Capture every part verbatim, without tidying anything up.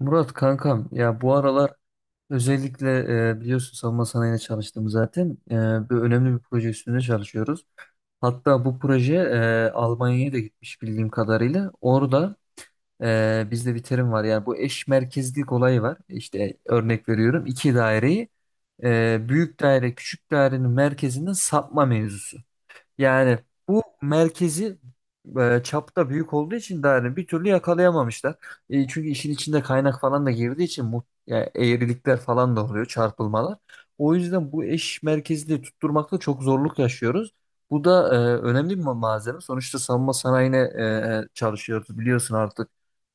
Murat kankam ya bu aralar özellikle e, biliyorsun savunma sanayine çalıştım zaten. E, bir önemli bir proje üstünde çalışıyoruz. Hatta bu proje e, Almanya'ya da gitmiş bildiğim kadarıyla. Orada e, bizde bir terim var, yani bu eş merkezlik olayı var. İşte örnek veriyorum, iki daireyi e, büyük daire küçük dairenin merkezinden sapma mevzusu. Yani bu merkezi e, çapta büyük olduğu için de hani bir türlü yakalayamamışlar. E, çünkü işin içinde kaynak falan da girdiği için mu, yani eğrilikler falan da oluyor, çarpılmalar. O yüzden bu eş merkezli tutturmakta çok zorluk yaşıyoruz. Bu da e, önemli bir ma- malzeme. Sonuçta savunma sanayine e, e, çalışıyoruz biliyorsun artık.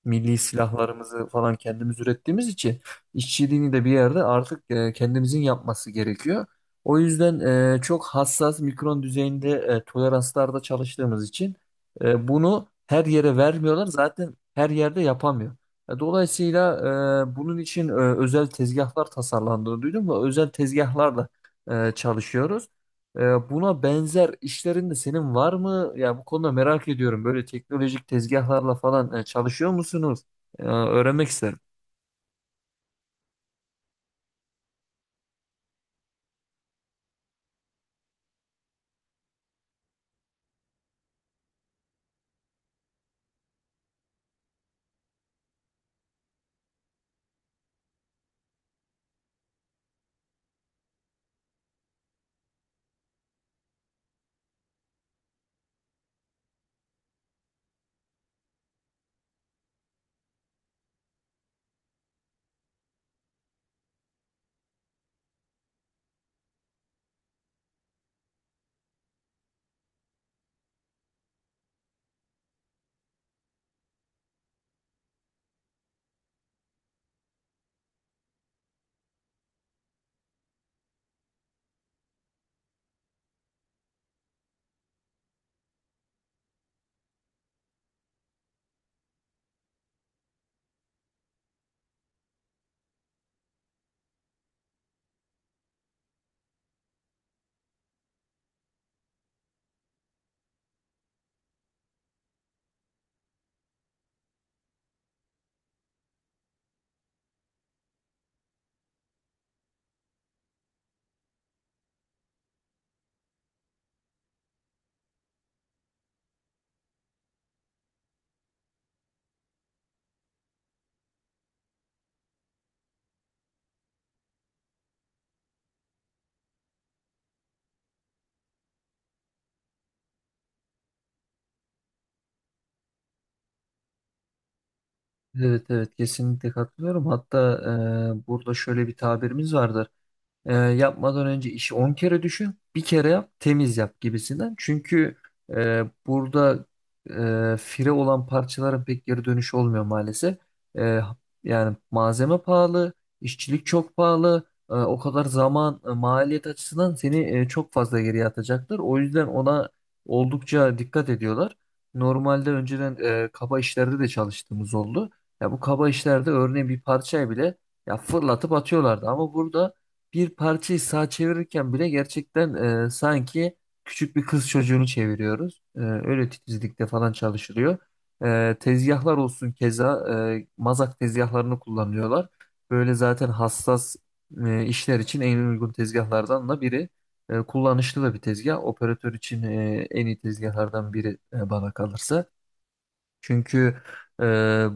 Milli silahlarımızı falan kendimiz ürettiğimiz için işçiliğini de bir yerde artık e, kendimizin yapması gerekiyor. O yüzden e, çok hassas mikron düzeyinde e, toleranslarda çalıştığımız için e, bunu her yere vermiyorlar. Zaten her yerde yapamıyor. E, Dolayısıyla e, bunun için e, özel tezgahlar tasarlandığını duydum ve özel tezgahlarla e, çalışıyoruz. E, buna benzer işlerin de senin var mı? Ya bu konuda merak ediyorum. Böyle teknolojik tezgahlarla falan e, çalışıyor musunuz? E, öğrenmek isterim. Evet, evet, kesinlikle katılıyorum. Hatta e, burada şöyle bir tabirimiz vardır. Ee, yapmadan önce işi on kere düşün, bir kere yap, temiz yap gibisinden. Çünkü e, burada e, fire olan parçaların pek geri dönüşü olmuyor maalesef. E, Yani malzeme pahalı, işçilik çok pahalı. E, o kadar zaman, e, maliyet açısından seni e, çok fazla geriye atacaktır. O yüzden ona oldukça dikkat ediyorlar. Normalde önceden e, kaba işlerde de çalıştığımız oldu. Ya bu kaba işlerde örneğin bir parçayı bile ya fırlatıp atıyorlardı ama burada bir parçayı sağa çevirirken bile gerçekten e, sanki küçük bir kız çocuğunu çeviriyoruz. E, öyle titizlikte falan çalışılıyor. E, tezgahlar olsun, keza e, mazak tezgahlarını kullanıyorlar. Böyle zaten hassas e, işler için en uygun tezgahlardan da biri. E, kullanışlı da bir tezgah. Operatör için e, en iyi tezgahlardan biri e, bana kalırsa. Çünkü e,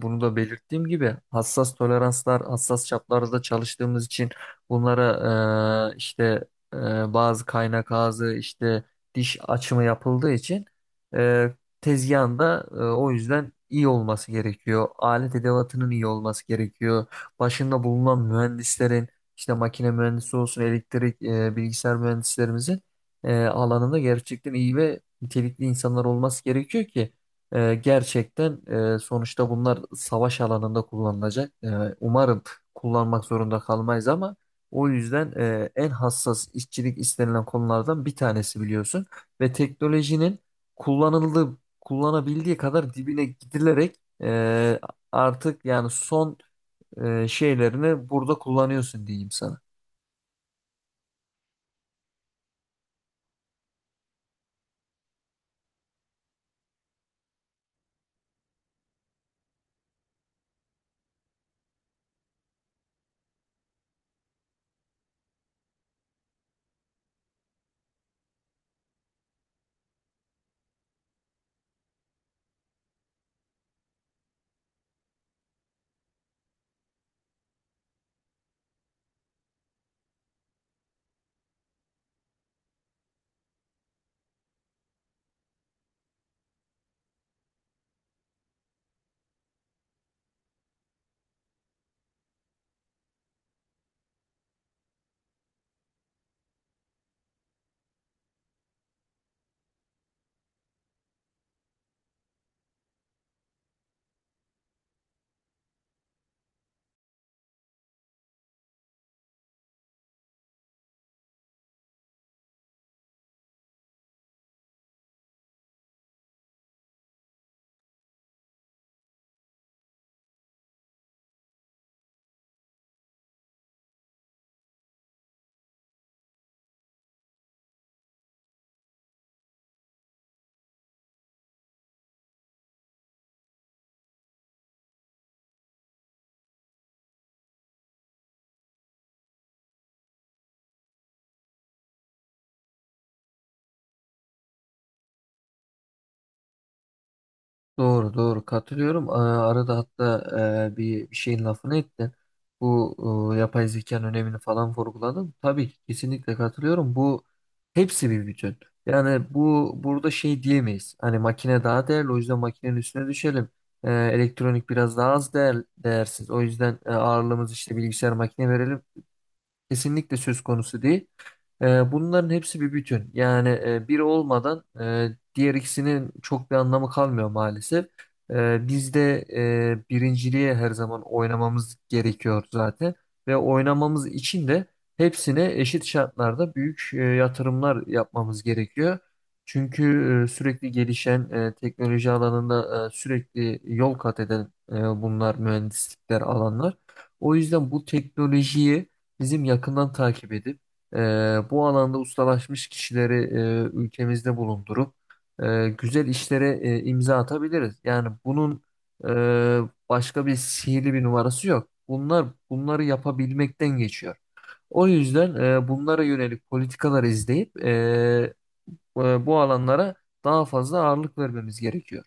bunu da belirttiğim gibi hassas toleranslar, hassas çaplarda çalıştığımız için bunlara e, işte e, bazı kaynak ağzı, işte diş açımı yapıldığı için e, tezgahın e, o yüzden iyi olması gerekiyor. Alet edevatının iyi olması gerekiyor. Başında bulunan mühendislerin, işte makine mühendisi olsun, elektrik, e, bilgisayar mühendislerimizin e, alanında gerçekten iyi ve nitelikli insanlar olması gerekiyor ki e, gerçekten e, sonuçta bunlar savaş alanında kullanılacak. E, umarım kullanmak zorunda kalmayız ama o yüzden e, en hassas işçilik istenilen konulardan bir tanesi biliyorsun. Ve teknolojinin kullanıldığı, kullanabildiği kadar dibine gidilerek e, artık yani son e, şeylerini burada kullanıyorsun diyeyim sana. Doğru, doğru, katılıyorum. Aa, Arada hatta e, bir, bir şeyin lafını ettin. Bu e, yapay zekanın önemini falan vurguladın. Tabii ki, kesinlikle katılıyorum. Bu hepsi bir bütün. Yani bu burada şey diyemeyiz. Hani makine daha değerli, o yüzden makinenin üstüne düşelim. E, elektronik biraz daha az değer, değersiz. O yüzden e, ağırlığımız işte bilgisayar makine verelim. Kesinlikle söz konusu değil. Ee, bunların hepsi bir bütün. Yani e, biri olmadan e, diğer ikisinin çok bir anlamı kalmıyor maalesef. Ee, biz de e, birinciliğe her zaman oynamamız gerekiyor zaten. Ve oynamamız için de hepsine eşit şartlarda büyük e, yatırımlar yapmamız gerekiyor. Çünkü e, sürekli gelişen e, teknoloji alanında e, sürekli yol kat eden e, bunlar mühendislikler alanlar. O yüzden bu teknolojiyi bizim yakından takip edip e, bu alanda ustalaşmış kişileri e, ülkemizde bulundurup e, güzel işlere e, imza atabiliriz. Yani bunun e, başka bir sihirli bir numarası yok. Bunlar bunları yapabilmekten geçiyor. O yüzden e, bunlara yönelik politikalar izleyip e, bu bu alanlara daha fazla ağırlık vermemiz gerekiyor.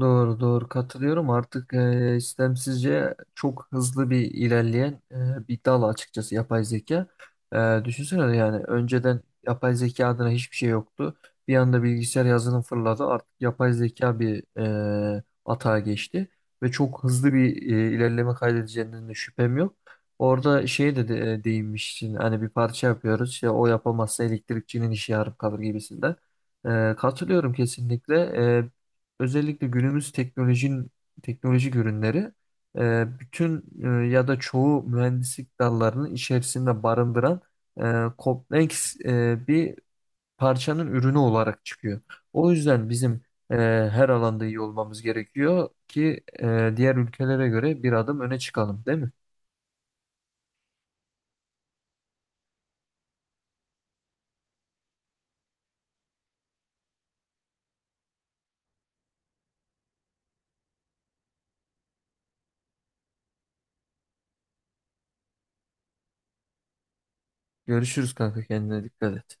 Doğru, doğru, katılıyorum. Artık e, istemsizce çok hızlı bir ilerleyen e, bir dal açıkçası yapay zeka. E, düşünsene, yani önceden yapay zeka adına hiçbir şey yoktu. Bir anda bilgisayar yazılım fırladı. Artık yapay zeka bir e, atağa geçti ve çok hızlı bir e, ilerleme kaydedeceğinden de şüphem yok. Orada şey de, de değinmiştin hani bir parça yapıyoruz, işte o yapamazsa elektrikçinin işi yarım kalır gibisinden. E, katılıyorum kesinlikle, özellikle günümüz teknolojinin teknolojik ürünleri e, bütün e, ya da çoğu mühendislik dallarının içerisinde barındıran e, kompleks e, bir parçanın ürünü olarak çıkıyor. O yüzden bizim e, her alanda iyi olmamız gerekiyor ki e, diğer ülkelere göre bir adım öne çıkalım, değil mi? Görüşürüz kanka, kendine dikkat et.